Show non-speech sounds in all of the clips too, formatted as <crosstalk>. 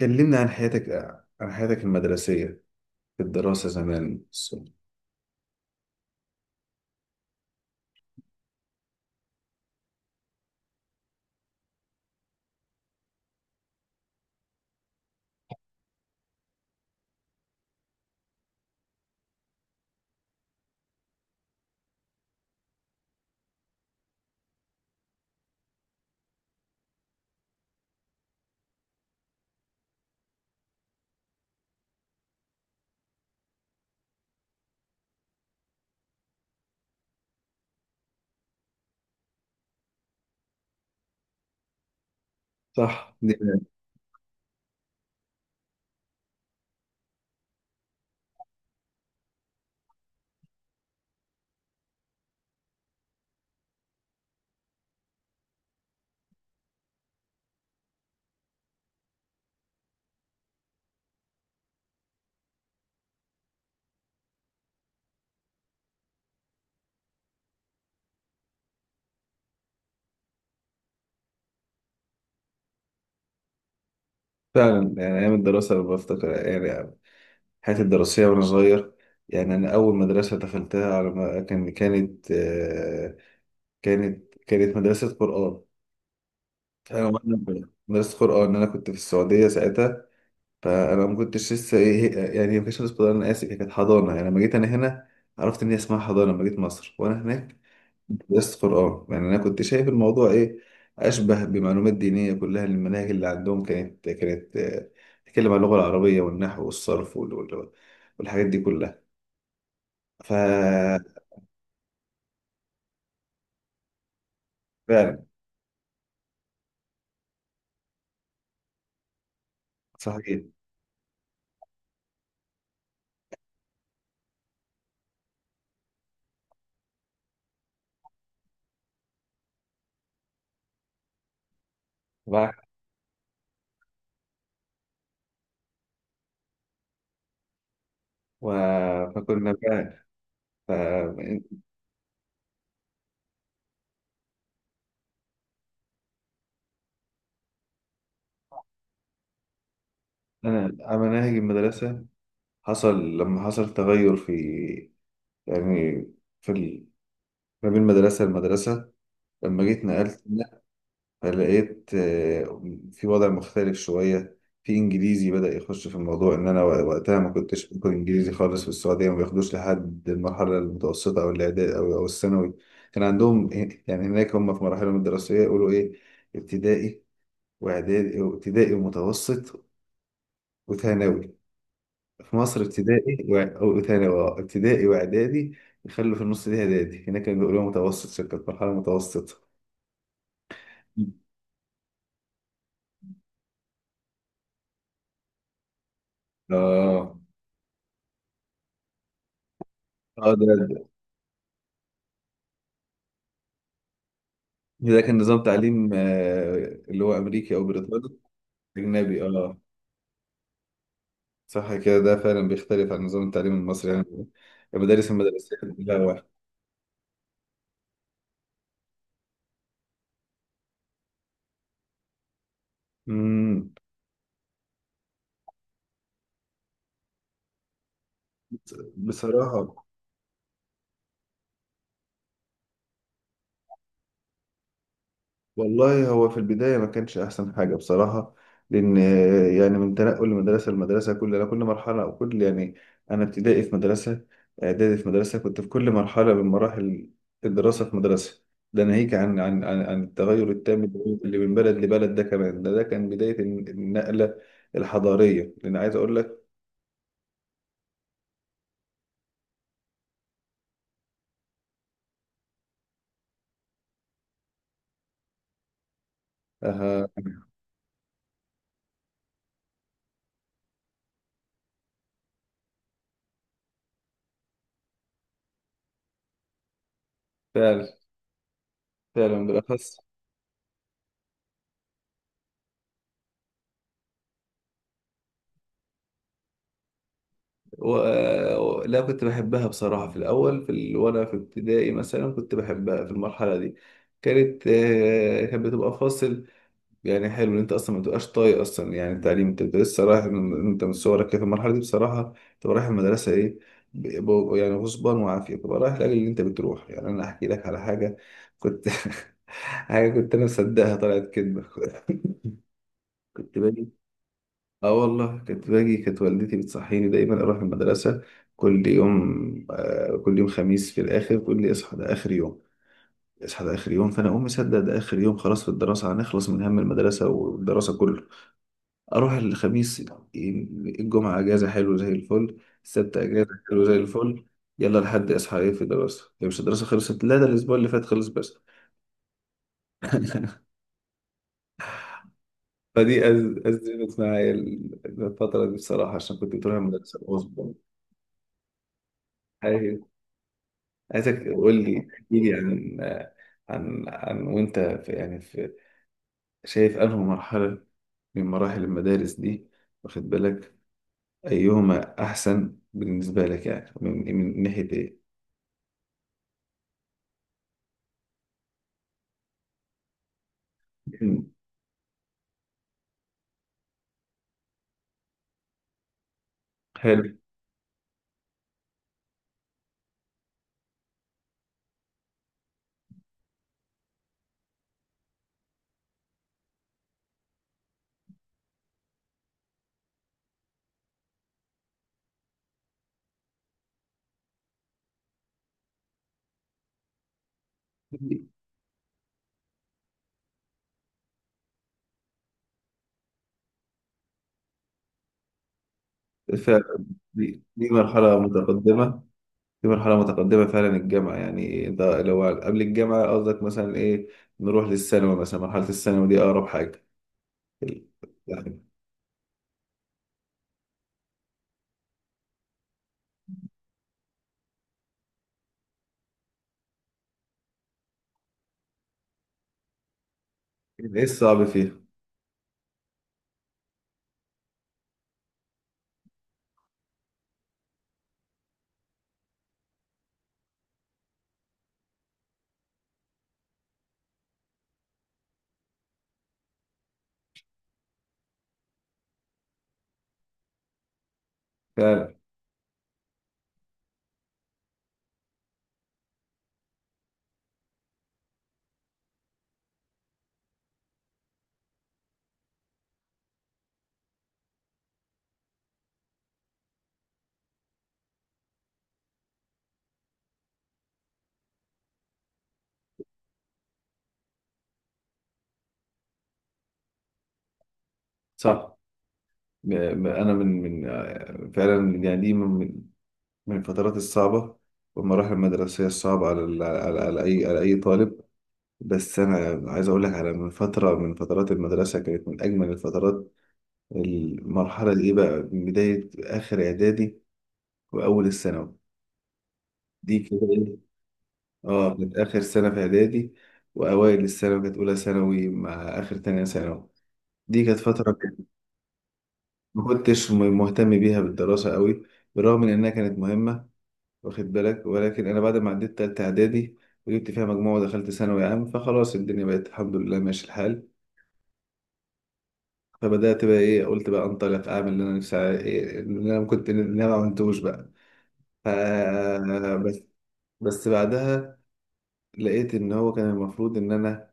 كلمنا عن حياتك، عن حياتك المدرسية، في الدراسة زمان. صح دي. فعلا، يعني أيام الدراسة لما بفتكر يعني حياتي الدراسية وأنا صغير. يعني أنا أول مدرسة دخلتها على ما كان كانت آه، كانت كانت مدرسة قرآن. مدرسة قرآن، أنا كنت في السعودية ساعتها. فأنا ما كنتش لسه إيه، يعني ما كانتش مدرسة قرآن، أنا آسف، هي كانت حضانة. يعني لما جيت أنا هنا عرفت إن هي اسمها حضانة. لما جيت مصر وأنا هناك درست قرآن. يعني أنا كنت شايف الموضوع إيه أشبه بمعلومات دينية. كلها المناهج اللي عندهم كانت تتكلم عن اللغة العربية والنحو والصرف والحاجات دي كلها. ف فعلا. صحيح. صح. و... فكنا بقى. ف... أنا على مناهج المدرسة حصل لما حصل تغير في، يعني في ما بين مدرسة لمدرسة. لما جيت نقلت فلقيت في وضع مختلف شوية. في إنجليزي بدأ يخش في الموضوع، إن أنا وقتها ما كنتش باخد إنجليزي خالص. في السعودية ما بياخدوش لحد المرحلة المتوسطة أو الإعدادي أو الثانوي. كان عندهم، يعني هناك هم في مراحلهم الدراسية يقولوا إيه: ابتدائي وإعدادي، ابتدائي ومتوسط وثانوي. في مصر ابتدائي وثانوي، ابتدائي وإعدادي، يخلوا في النص دي إعدادي. هناك كانوا بيقولوا متوسط، شكل مرحلة متوسطة. اه، اه، ده كان نظام تعليم، اللي هو امريكي او بريطاني. اجنبي، اه. صح كده، ده فعلا بيختلف عن نظام التعليم المصري. يعني المدارس المدرسيه لا واحد. امم. بصراحه، والله هو في البداية ما كانش أحسن حاجة بصراحة. لأن، يعني من تنقل لمدرسة لمدرسة كل أنا كل مرحلة أو كل يعني. أنا ابتدائي في مدرسة، إعدادي في مدرسة، كنت في كل مرحلة من مراحل الدراسة في مدرسة. ده ناهيك عن التغير التام اللي من بلد لبلد. ده كمان ده كان بداية النقلة الحضارية. لأن عايز أقول لك آه، فعلا فعلا بالأخص. و... آه، لا كنت بحبها بصراحة في الأول في وأنا في ابتدائي مثلا كنت بحبها. في المرحلة دي كانت بتبقى فاصل. يعني حلو إن أنت أصلا ما تبقاش طايق أصلا يعني التعليم. أنت بتبقى لسه رايح أنت من صغرك كده في المرحلة دي بصراحة تبقى رايح المدرسة إيه ب... يعني غصبان وعافية تبقى رايح، لأجل اللي أنت بتروح يعني. أنا أحكي لك على حاجة. كنت <laughs> حاجة كنت أنا مصدقها طلعت كدبة <laughs> كنت باجي. اه والله كنت باجي، كانت والدتي بتصحيني دايما اروح المدرسه كل يوم. آه، كل يوم خميس في الاخر تقول لي اصحى ده اخر يوم، اصحى ده اخر يوم. فانا اقوم مصدق ده اخر يوم، خلاص في الدراسه هنخلص من هم المدرسه والدراسه كله. اروح الخميس، الجمعه اجازه حلو زي الفل، السبت اجازه حلو زي الفل. يلا لحد اصحى ايه في الدراسه، هي مش الدراسه خلصت؟ لا، ده الاسبوع اللي فات خلص بس. <laughs> فدي ازمت معايا الفتره دي بصراحه، عشان كنت بتروح المدرسه غصب. عايزك تقول لي، احكي لي عن عن وانت في، يعني في، شايف انه مرحلة من مراحل المدارس دي، واخد بالك، ايهما احسن بالنسبة لك، يعني من ناحية ايه. مم. حلو. ف دي مرحلة متقدمة، دي مرحلة متقدمة فعلا الجامعة. يعني ده لو قبل الجامعة قصدك مثلا ايه، نروح للثانوي مثلا. مرحلة الثانوي دي اقرب حاجة. يعني ايه الصعب فيها؟ فعلا. صح. انا من فعلا، يعني دي من الفترات الصعبه والمراحل المدرسيه الصعبه على على اي على اي طالب. بس انا عايز اقول لك على، من فتره من فترات المدرسه كانت من اجمل الفترات، المرحله دي بقى من بدايه اخر اعدادي واول الثانوي. دي كده إيه؟ اه، كانت اخر سنه في اعدادي واوائل الثانوي. كانت اولى ثانوي مع اخر تانية ثانوي. دي كانت فتره ما كنتش مهتم بيها بالدراسه قوي، بالرغم من انها كانت مهمه واخد بالك. ولكن انا بعد ما عديت تالتة اعدادي وجبت فيها مجموعة ودخلت ثانوي عام، فخلاص الدنيا بقت الحمد لله ماشي الحال. فبدأت بقى ايه، قلت بقى انطلق اعمل اللي انا نفسي إيه اللي انا كنت اللي انا ما عملتوش بقى. ف بس بس بعدها لقيت ان هو كان المفروض ان انا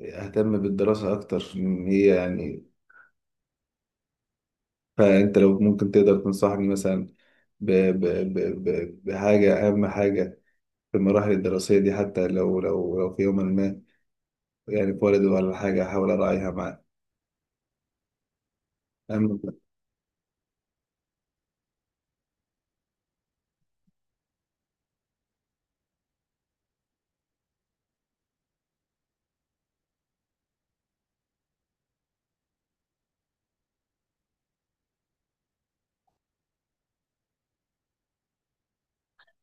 اهتم بالدراسة اكتر، ان هي يعني. فانت لو ممكن تقدر تنصحني مثلا ب... ب... ب... بحاجة، اهم حاجة في المراحل الدراسية دي، حتى لو في يوم ما يعني اتولد ولا حاجة أحاول أراعيها معاه، أما.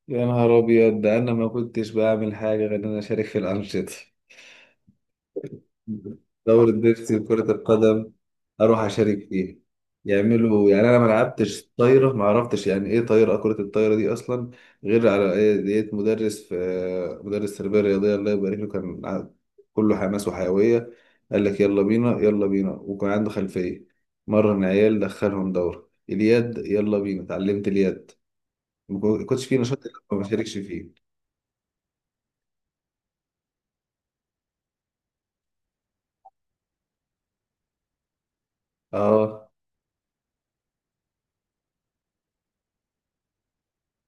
يا نهار أبيض، ده أنا ما كنتش بعمل حاجة غير إن أنا أشارك في الأنشطة. <laughs> دورة بيبسي وكرة القدم أروح أشارك فيها. يعملوا، يعني أنا ما لعبتش طايرة، ما عرفتش يعني إيه طايرة، كرة الطايرة دي أصلا، غير على إيه ديت مدرس، في مدرس تربية رياضية الله يبارك له كان كله حماس وحيوية. قال لك يلا بينا يلا بينا، وكان عنده خلفية. مرن عيال، دخلهم دورة اليد، يلا بينا اتعلمت اليد. ما كنتش فيه نشاط إلا ما بشاركش فيه. اه.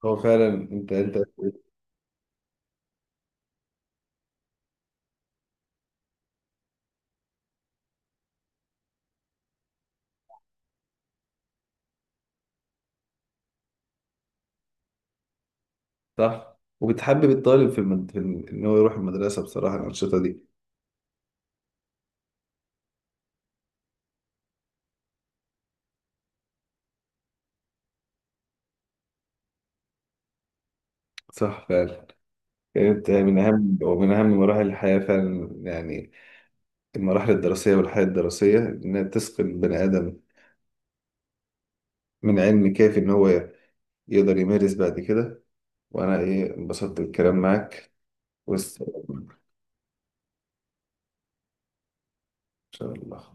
هو فعلا، انت صح. وبتحبب الطالب في، ان هو يروح المدرسه، بصراحه الانشطه دي. صح فعلا. يعني انت من اهم، ومن اهم مراحل الحياه فعلا. يعني المراحل الدراسيه والحياه الدراسيه، انها تسقي البني ادم من علم كافي ان هو يقدر يمارس بعد كده. وانا ايه انبسطت بالكلام معاك. والسلام عليكم. ان شاء الله.